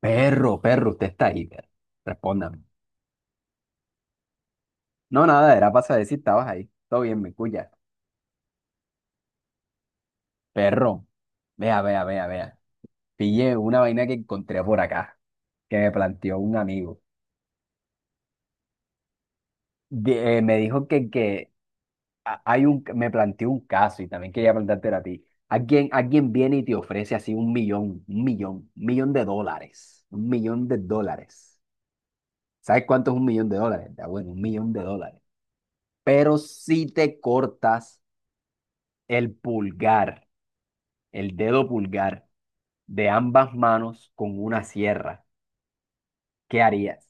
Perro, perro, usted está ahí, perro. Respóndame. No, nada, era para saber si estabas ahí. Todo bien, me escucha. Perro, vea, vea, vea, vea. Pillé una vaina que encontré por acá, que me planteó un amigo. Me dijo que me planteó un caso y también quería planteártelo a ti. Alguien viene y te ofrece así un millón de dólares. ¿Sabes cuánto es un millón de dólares? Ya, bueno, un millón de dólares. Pero si te cortas el pulgar. el dedo pulgar de ambas manos con una sierra, ¿qué harías?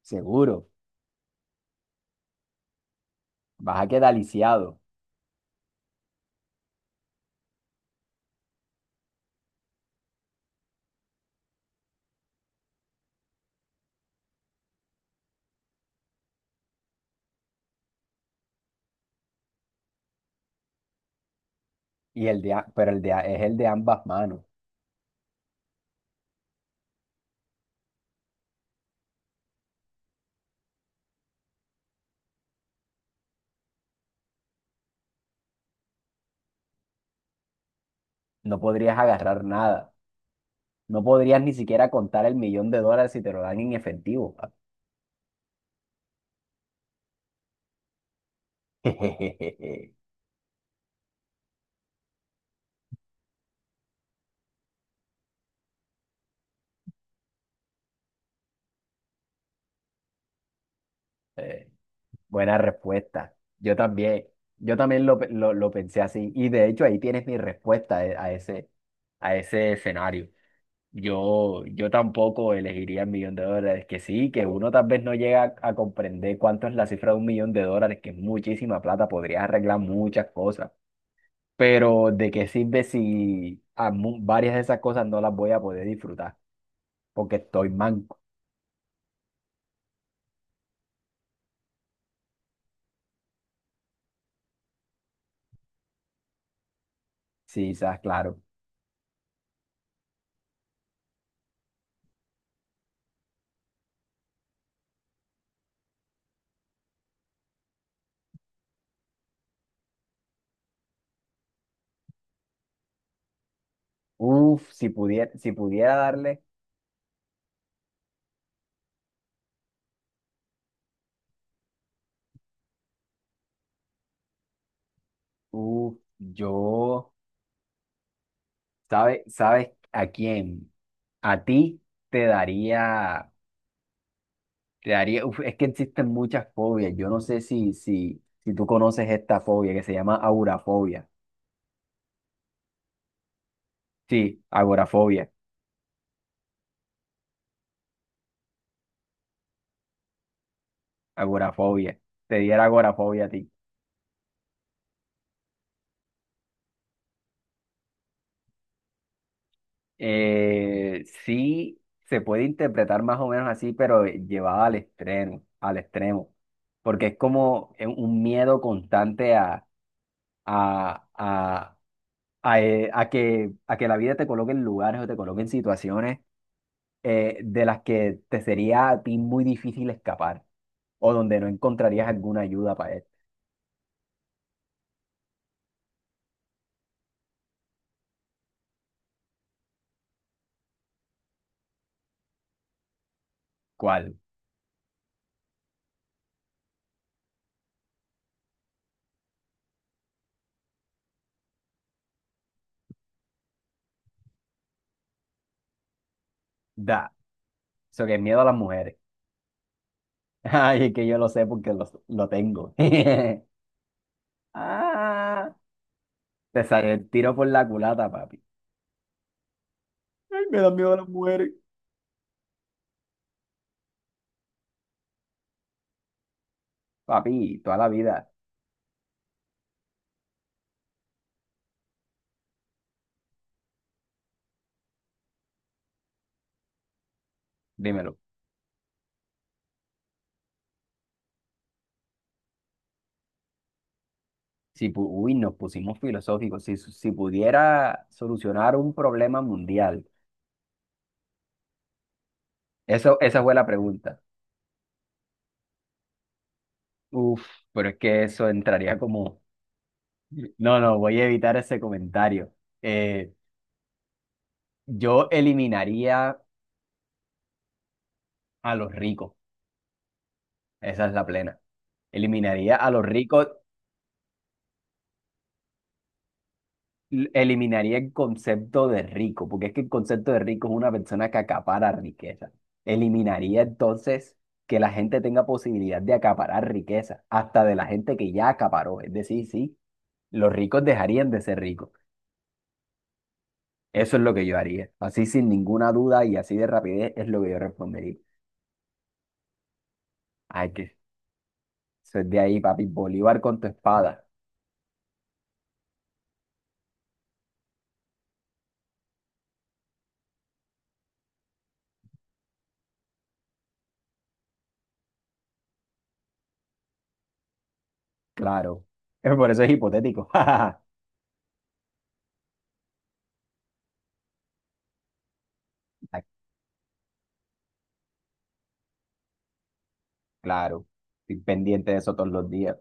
Seguro, vas a quedar lisiado, y pero es el de ambas manos. No podrías agarrar nada. No podrías ni siquiera contar el millón de dólares si te lo dan en efectivo. Eh, Buena respuesta. Yo también, yo también lo pensé así. Y de hecho ahí tienes mi respuesta, a ese, escenario. Yo tampoco elegiría el millón de dólares, que sí, que uno tal vez no llega a comprender cuánto es la cifra de un millón de dólares, que es muchísima plata, podrías arreglar muchas cosas, pero ¿de qué sirve si varias de esas cosas no las voy a poder disfrutar? Porque estoy manco, sí, sabes, claro. Uf, si pudiera darle, uf, ¿sabes a quién? A ti te daría Te daría, uf, es que existen muchas fobias. Yo no sé si tú conoces esta fobia que se llama agorafobia. Sí, agorafobia, agorafobia. Te diera agorafobia a ti. Sí, se puede interpretar más o menos así, pero llevada al extremo, al extremo. Porque es como, un miedo constante a, a, a que la vida te coloque en lugares o te coloque en situaciones, de las que te sería a ti muy difícil escapar o donde no encontrarías alguna ayuda para él. ¿Cuál? Da. Eso que es miedo a las mujeres. Ay, es que yo lo sé porque lo tengo. Ah, te sale el tiro por la culata, papi. Ay, me da miedo a las mujeres. Papi, toda la vida, dímelo. Si, pu- Uy, nos pusimos filosóficos. Si pudiera solucionar un problema mundial. Esa fue la pregunta. Uf, pero es que eso entraría como... No, no, voy a evitar ese comentario. Eh, yo eliminaría a los ricos, esa es la plena. Eliminaría a los ricos, eliminaría el concepto de rico, porque es que el concepto de rico es una persona que acapara riqueza. Eliminaría entonces que la gente tenga posibilidad de acaparar riqueza, hasta de la gente que ya acaparó. Es decir, sí, los ricos dejarían de ser ricos. Eso es lo que yo haría. Así sin ninguna duda y así de rapidez es lo que yo respondería. Ay, que Eso es de ahí, papi. Bolívar con tu espada. Claro. Por eso es hipotético. Ah, claro. Estoy pendiente de eso todos los días.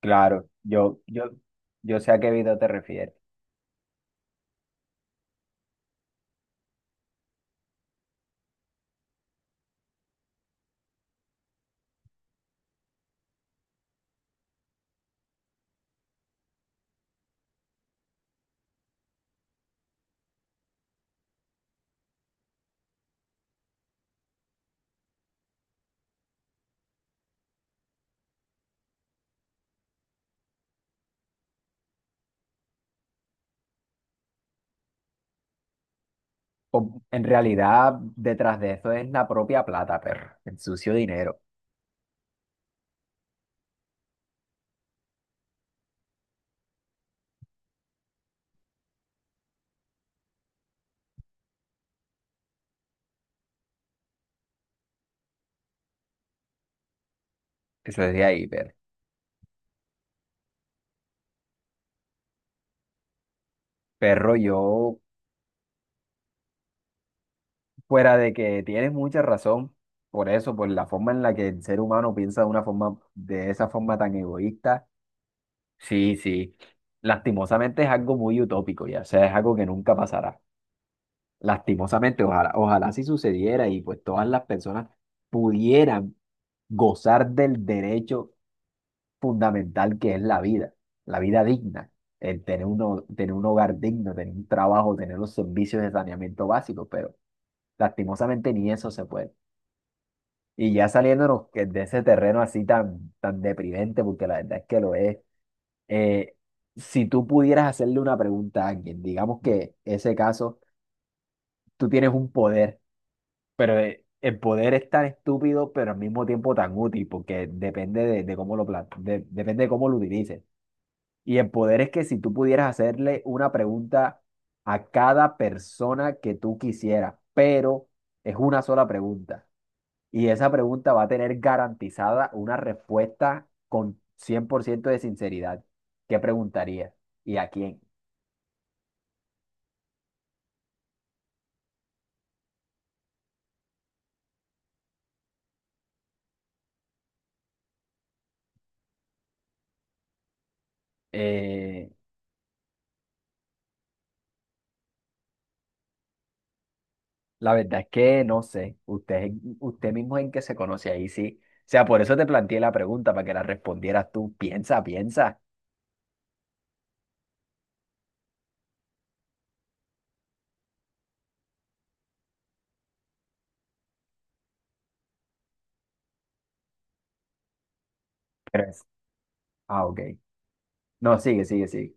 Claro. Yo sé a qué video te refieres. En realidad, detrás de eso es la propia plata, perro. El sucio dinero. Eso es de ahí, perro. Perro, fuera de que tienes mucha razón, por eso, por la forma en la que el ser humano piensa de una forma, de esa forma tan egoísta. Sí, sí. Lastimosamente es algo muy utópico, ya, o sea, es algo que nunca pasará. Lastimosamente, ojalá, ojalá si sucediera y pues todas las personas pudieran gozar del derecho fundamental que es la vida digna, el tener tener un hogar digno, tener un trabajo, tener los servicios de saneamiento básico, pero lastimosamente ni eso se puede. Y ya saliéndonos de ese terreno así tan, tan deprimente, porque la verdad es que lo es. Eh, si tú pudieras hacerle una pregunta a alguien, digamos que ese caso, tú tienes un poder, pero, el poder es tan estúpido, pero al mismo tiempo tan útil, porque depende de cómo depende de cómo lo utilices. Y el poder es que si tú pudieras hacerle una pregunta a cada persona que tú quisieras, pero es una sola pregunta. Y esa pregunta va a tener garantizada una respuesta con 100% de sinceridad. ¿Qué preguntaría ¿Y a quién? Eh, la verdad es que no sé, usted mismo en qué se conoce ahí, sí. O sea, por eso te planteé la pregunta, para que la respondieras tú. Piensa, piensa. Pero es... Ah, ok. No, sigue, sigue, sigue.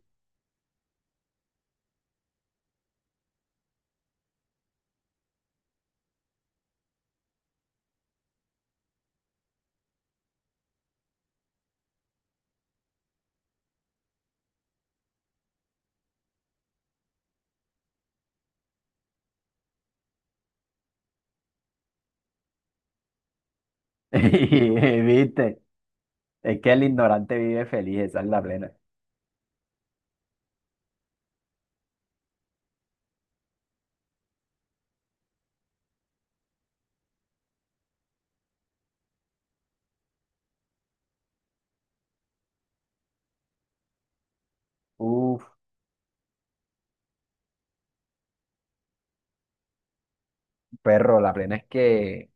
¿Viste? Es que el ignorante vive feliz, esa es la plena. Uf, perro, la plena es que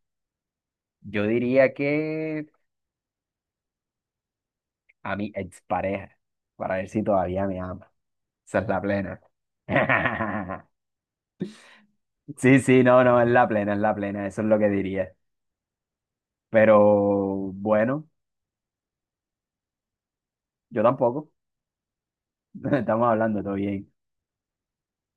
yo diría que a mi expareja, para ver si todavía me ama. Esa es la plena. Sí, sí, no, no, es la plena, eso es lo que diría. Pero bueno, yo tampoco. Estamos hablando, todo bien.